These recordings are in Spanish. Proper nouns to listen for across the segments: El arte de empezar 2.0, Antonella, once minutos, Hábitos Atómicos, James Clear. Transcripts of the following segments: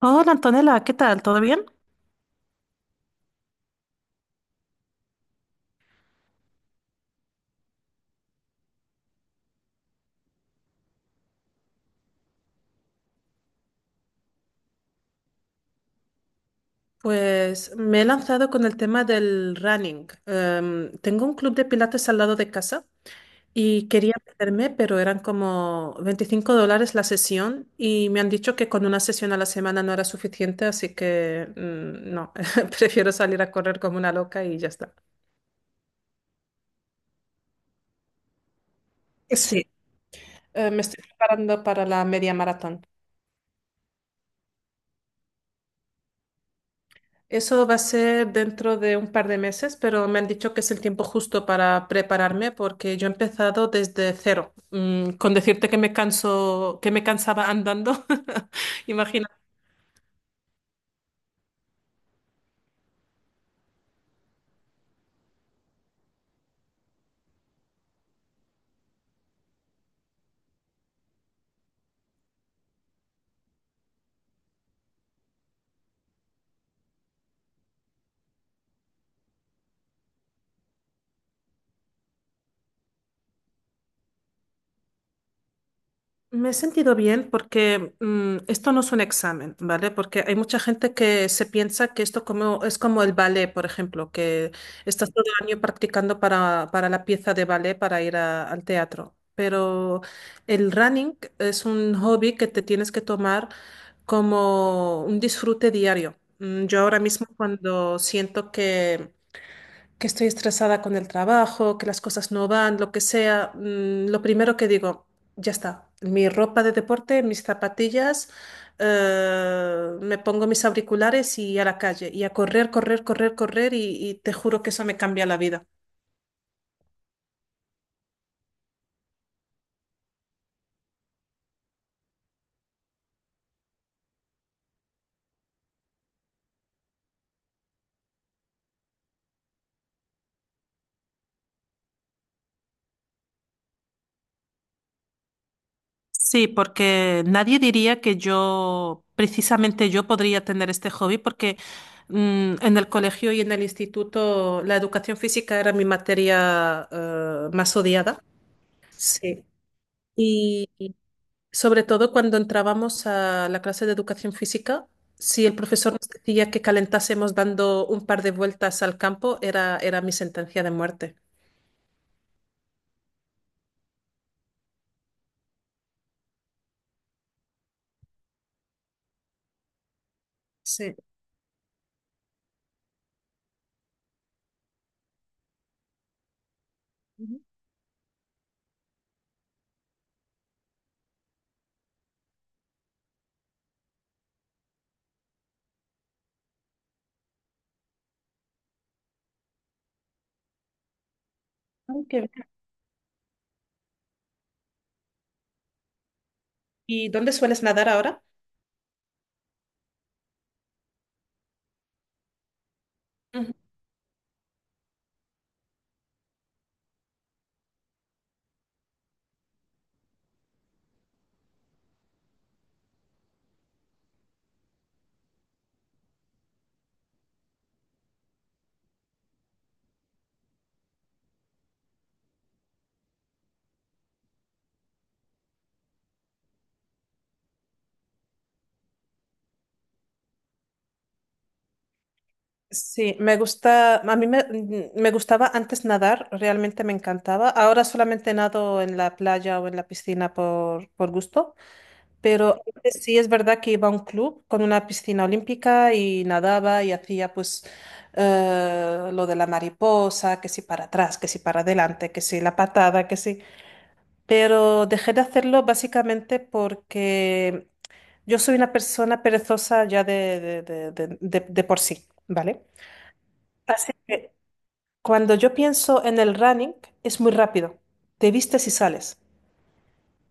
Hola Antonella, ¿qué tal? ¿Todo bien? Pues me he lanzado con el tema del running. Tengo un club de pilates al lado de casa y quería meterme, pero eran como 25 dólares la sesión y me han dicho que con una sesión a la semana no era suficiente, así que mm, no, prefiero salir a correr como una loca y ya está. Sí. Me estoy preparando para la media maratón. Eso va a ser dentro de un par de meses, pero me han dicho que es el tiempo justo para prepararme porque yo he empezado desde cero. Con decirte que me canso, que me cansaba andando, imagina. Me he sentido bien porque esto no es un examen, ¿vale? Porque hay mucha gente que se piensa que esto es como el ballet, por ejemplo, que estás todo el año practicando para la pieza de ballet para ir al teatro. Pero el running es un hobby que te tienes que tomar como un disfrute diario. Yo ahora mismo cuando siento que estoy estresada con el trabajo, que las cosas no van, lo que sea, lo primero que digo, ya está, mi ropa de deporte, mis zapatillas, me pongo mis auriculares y a la calle y a correr, correr, correr, correr y te juro que eso me cambia la vida. Sí, porque nadie diría que yo, precisamente yo podría tener este hobby porque en el colegio y en el instituto la educación física era mi materia más odiada. Sí. Y sobre todo cuando entrábamos a la clase de educación física, si el profesor nos decía que calentásemos dando un par de vueltas al campo, era mi sentencia de muerte. Sí. Ujú. Ay, qué bien. ¿Y dónde sueles nadar ahora? Sí, me gusta, a mí me gustaba antes nadar, realmente me encantaba. Ahora solamente nado en la playa o en la piscina por gusto, pero antes sí es verdad que iba a un club con una piscina olímpica y nadaba y hacía pues lo de la mariposa, que si para atrás, que si para adelante, que si la patada, que si. Pero dejé de hacerlo básicamente porque yo soy una persona perezosa ya de por sí, ¿vale? Así que cuando yo pienso en el running, es muy rápido, te vistes y sales.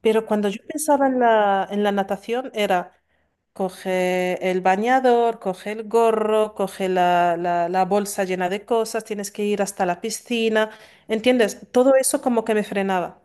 Pero cuando yo pensaba en la natación, era coge el bañador, coge el gorro, coge la bolsa llena de cosas, tienes que ir hasta la piscina, ¿entiendes? Todo eso como que me frenaba.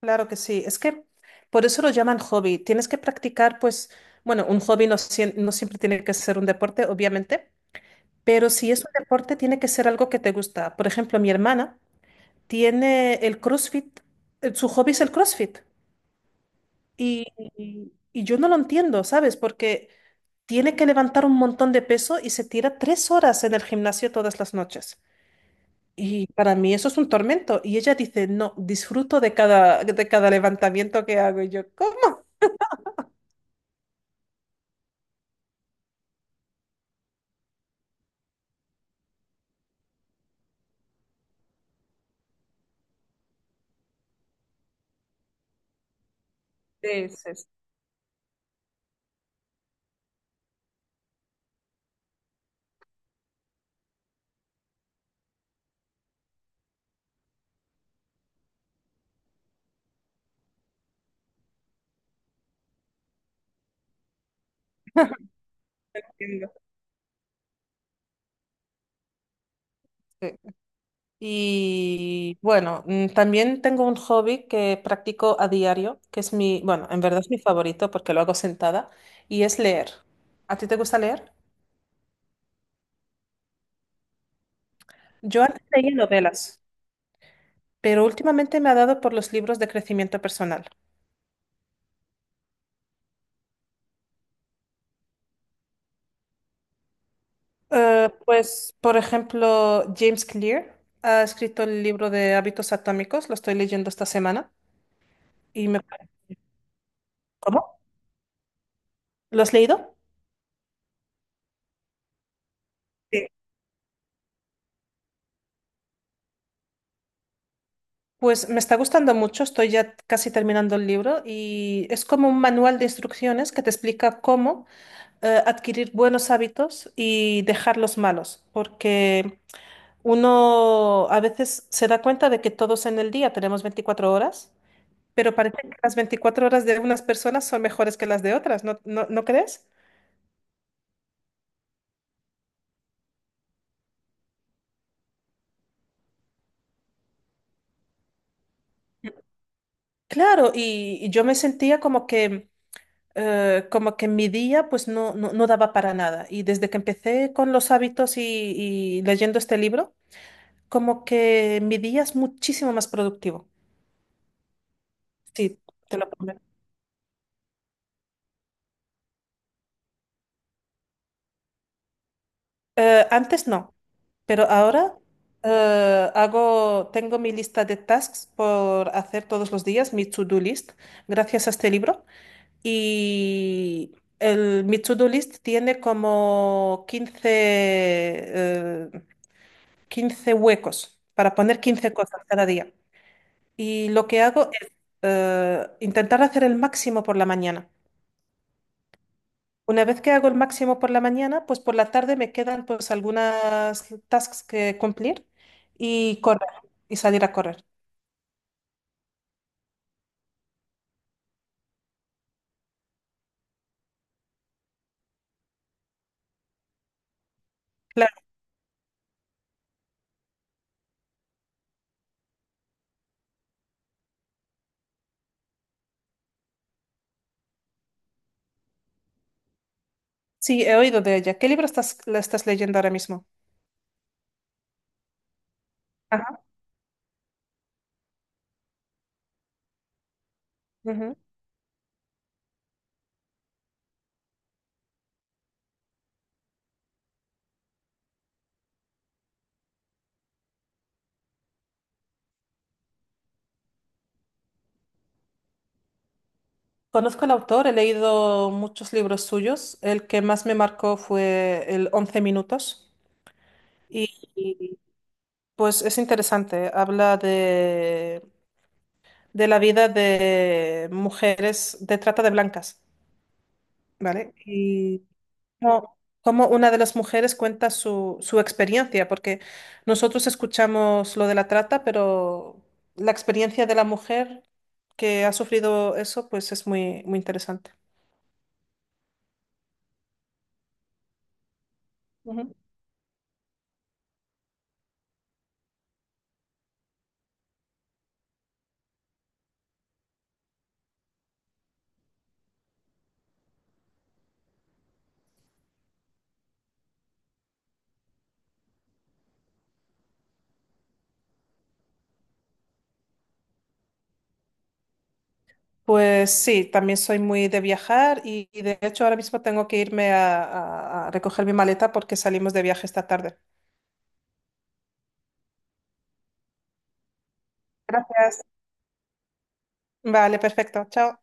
Claro que sí, es que por eso lo llaman hobby. Tienes que practicar, pues, bueno, un hobby no, no siempre tiene que ser un deporte, obviamente, pero si es un deporte, tiene que ser algo que te gusta. Por ejemplo, mi hermana tiene el CrossFit, su hobby es el CrossFit. Y, y yo no lo entiendo, ¿sabes? Porque tiene que levantar un montón de peso y se tira 3 horas en el gimnasio todas las noches. Y para mí eso es un tormento. Y ella dice, no, disfruto de cada levantamiento que hago. Y yo, ¿cómo dices? Entiendo. Sí. Y bueno, también tengo un hobby que practico a diario, que es mi, bueno, en verdad es mi favorito porque lo hago sentada, y es leer. ¿A ti te gusta leer? Yo antes leía novelas, pero últimamente me ha dado por los libros de crecimiento personal. Pues, por ejemplo, James Clear ha escrito el libro de Hábitos Atómicos, lo estoy leyendo esta semana y me. ¿Cómo? ¿Lo has leído? Sí. Pues me está gustando mucho, estoy ya casi terminando el libro y es como un manual de instrucciones que te explica cómo adquirir buenos hábitos y dejar los malos, porque uno a veces se da cuenta de que todos en el día tenemos 24 horas, pero parece que las 24 horas de unas personas son mejores que las de otras, ¿no crees? Claro, y yo me sentía como que mi día pues no daba para nada. Y desde que empecé con los hábitos y leyendo este libro, como que mi día es muchísimo más productivo. Sí, te lo prometo. Antes no. Pero ahora hago, tengo mi lista de tasks por hacer todos los días, mi to-do list, gracias a este libro. Y el, mi to-do list tiene como 15 15 huecos para poner 15 cosas cada día. Y lo que hago es intentar hacer el máximo por la mañana. Una vez que hago el máximo por la mañana, pues por la tarde me quedan pues algunas tasks que cumplir y correr y salir a correr. Claro, sí, he oído de ella. ¿Qué libro la estás leyendo ahora mismo? Ajá. Ujú. Conozco al autor, he leído muchos libros suyos. El que más me marcó fue el 11 minutos y y, pues es interesante. Habla de la vida de mujeres de trata de blancas, ¿vale? Y como cómo una de las mujeres cuenta su experiencia, porque nosotros escuchamos lo de la trata, pero la experiencia de la mujer que ha sufrido eso, pues es muy, muy interesante. Ujú. Pues sí, también soy muy de viajar y de hecho ahora mismo tengo que irme a, a recoger mi maleta porque salimos de viaje esta tarde. Gracias. Vale, perfecto. Chao.